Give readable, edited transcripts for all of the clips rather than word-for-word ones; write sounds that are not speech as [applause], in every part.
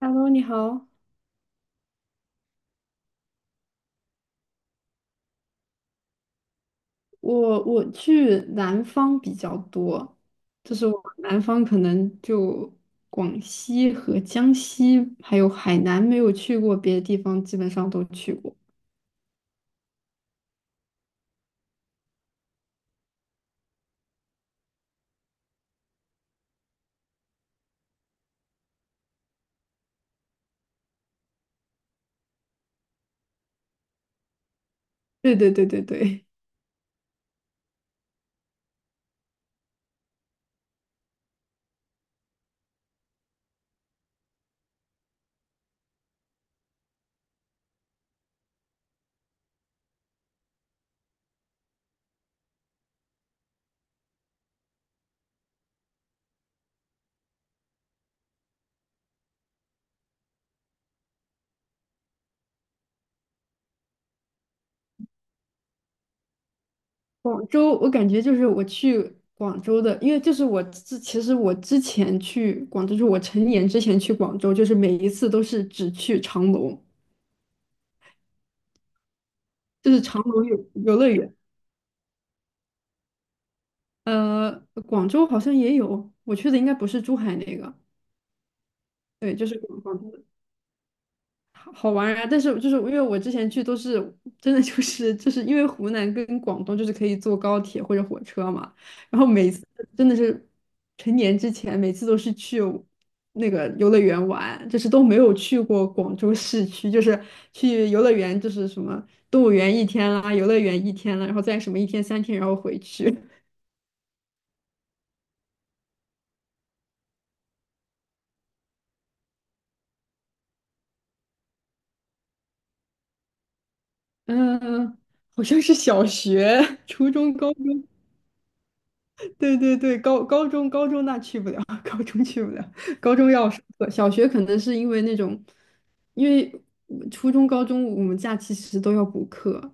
Hello，你好，我去南方比较多，就是我南方可能就广西和江西，还有海南没有去过，别的地方基本上都去过。对对对对对，广州我感觉就是我去广州的，因为就是其实我之前去广州，就是我成年之前去广州，就是每一次都是只去长隆，就是长隆游乐园。呃，广州好像也有，我去的应该不是珠海那个。好玩啊！但是就是因为我之前去都是真的就是因为湖南跟广东就是可以坐高铁或者火车嘛，然后每次真的是成年之前每次都是去那个游乐园玩，就是都没有去过广州市区，就是去游乐园就是什么动物园一天啦，游乐园一天了，然后再什么一天三天，然后回去。[laughs] 嗯，好像是小学、初中、高中。对对对，高中那去不了，[laughs] 高中去不了，高中要上课，小学可能是因为那种，因为初中、高中我们假期其实都要补课，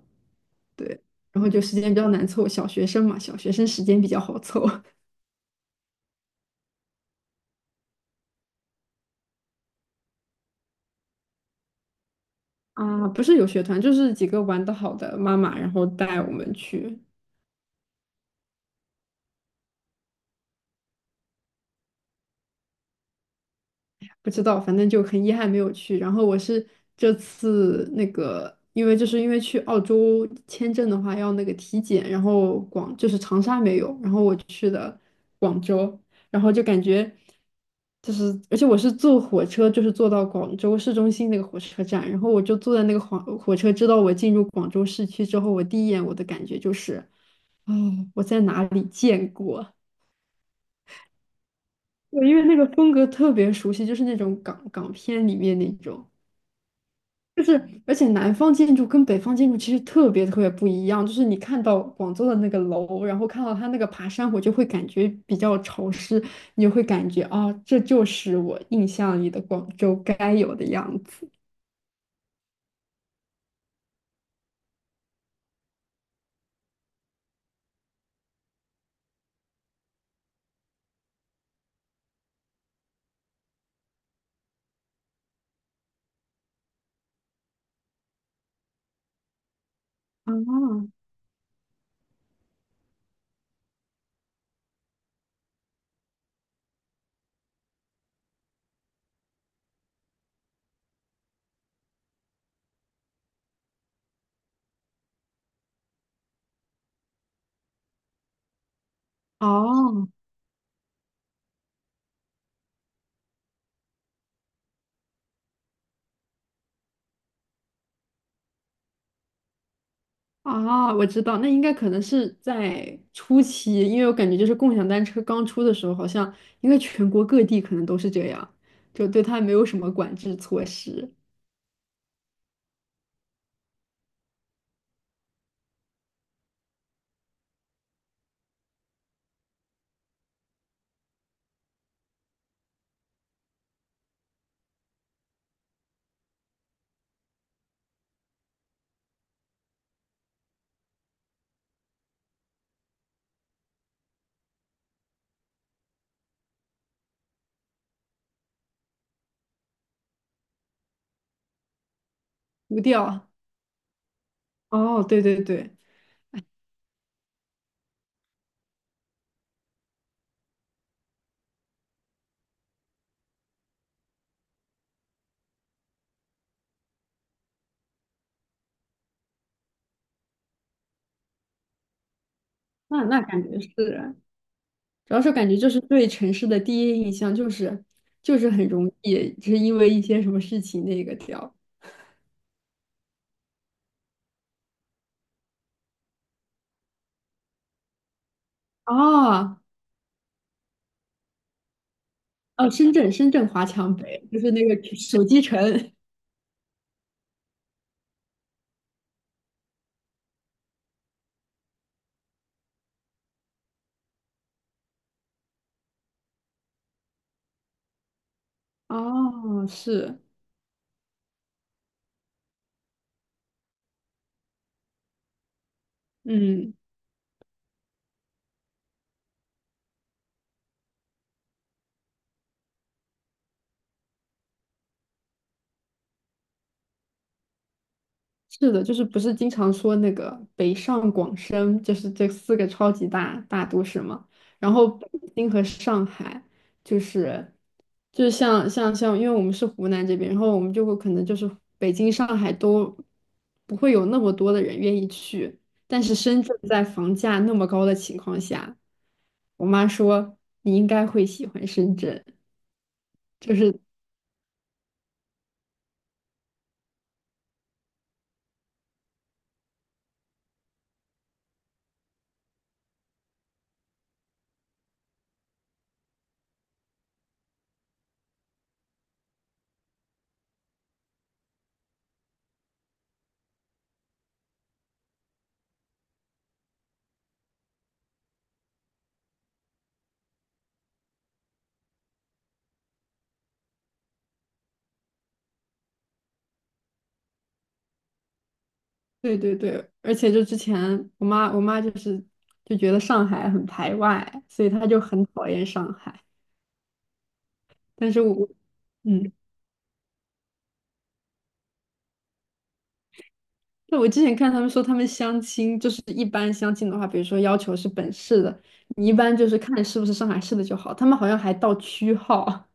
对，然后就时间比较难凑，小学生嘛，小学生时间比较好凑 [laughs] 啊，不是有学团，就是几个玩的好的妈妈，然后带我们去，不知道，反正就很遗憾没有去。然后我是这次那个，因为就是因为去澳洲签证的话要那个体检，然后就是长沙没有，然后我广州，然后就感觉就是，而且我是坐火车，就是坐到广州市中心那个火车站，然后我就坐在那个火车，知道我进入广州市区之后，我第一眼我的感觉就是，哦，我在哪里见过？对，因为那个风格特别熟悉，就是那种港片里面那种。就是，而且南方建筑跟北方建筑其实特别特别不一样。就是你看到广州的那个楼，然后看到它那个爬山虎，就会感觉比较潮湿，你就会感觉啊、这就是我印象里的广州该有的样子。啊，哦，啊，我知道，那应该可能是在初期，因为我感觉就是共享单车刚出的时候，好像应该全国各地可能都是这样，就对它没有什么管制措施，无调。哦，对对对。那感觉是，主要是感觉就是对城市的第一印象就是很容易，就是因为一些什么事情那个掉。啊哦，深圳华强北就是那个手机城。哦，是，嗯。是的，就是不是经常说那个北上广深，就是这四个超级大都市嘛。然后北京和上海，就是就是像，因为我们是湖南这边，然后我们就会可能就是北京、上海都不会有那么多的人愿意去，但是深圳在房价那么高的情况下，我妈说你应该会喜欢深圳，就是对对对，而且就之前我妈就是就觉得上海很排外，所以她就很讨厌上海。但是我嗯，那我之前看他们说他们相亲，就是一般相亲的话，比如说要求是本市的，你一般就是看是不是上海市的就好。他们好像还到区号，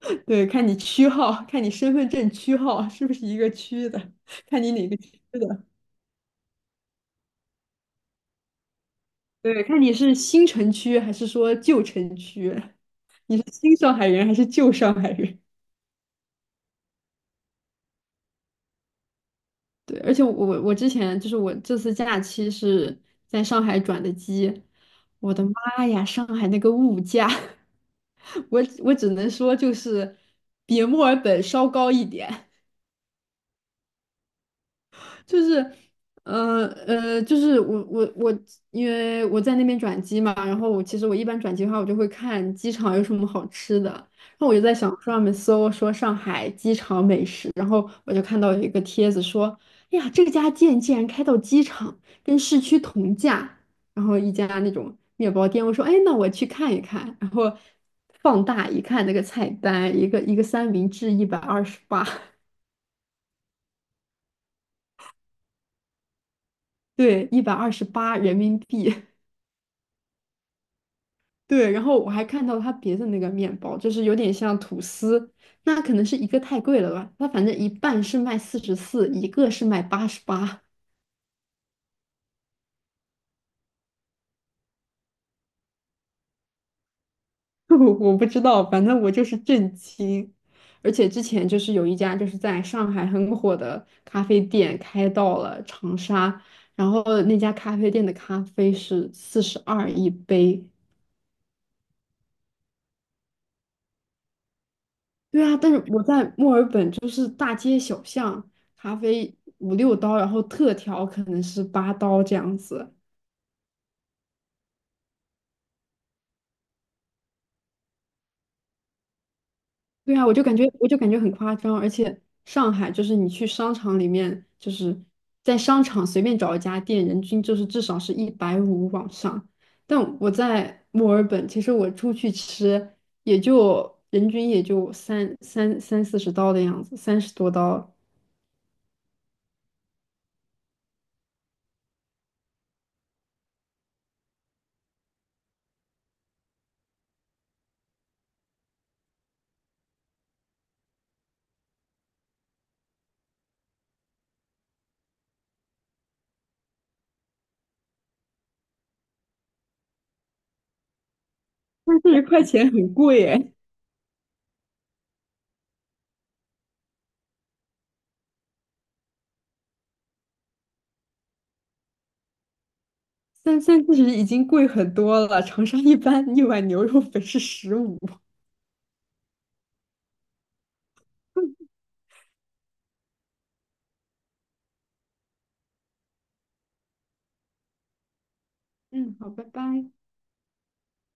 [laughs] 对，看你区号，看你身份证区号是不是一个区的，看你哪个区的，对，看你是新城区还是说旧城区，你是新上海人还是旧上海人。对，而且我之前就是我这次假期是在上海转的机，我的妈呀，上海那个物价，[laughs] 我只能说就是比墨尔本稍高一点。就是，就是我我我，因为我在那边转机嘛，然后其实我一般转机的话，我就会看机场有什么好吃的，然后我就在小红书上面搜说上海机场美食，然后我就看到有一个帖子说，哎呀，这家店竟然开到机场，跟市区同价，然后一家那种面包店，我说，哎，那我去看一看，然后放大一看那个菜单，一个三明治一百二十八，对，128人民币。对，然后我还看到它别的那个面包，就是有点像吐司，那可能是一个太贵了吧？它反正一半是卖44，一个是卖88，[laughs] 我不知道，反正我就是震惊。而且之前就是有一家就是在上海很火的咖啡店开到了长沙，然后那家咖啡店的咖啡是42一杯，对啊，但是我在墨尔本就是大街小巷，咖啡五六刀，然后特调可能是8刀这样子。对啊，我就感觉很夸张，而且上海就是你去商场里面，就是在商场随便找一家店，人均就是至少是150往上。但我在墨尔本，其实我出去吃也就人均也就三四十刀的样子，30多刀，[laughs] 三四十块钱很贵耶。三其实已经贵很多了，长沙一般一碗牛肉粉是15。嗯，好，拜拜。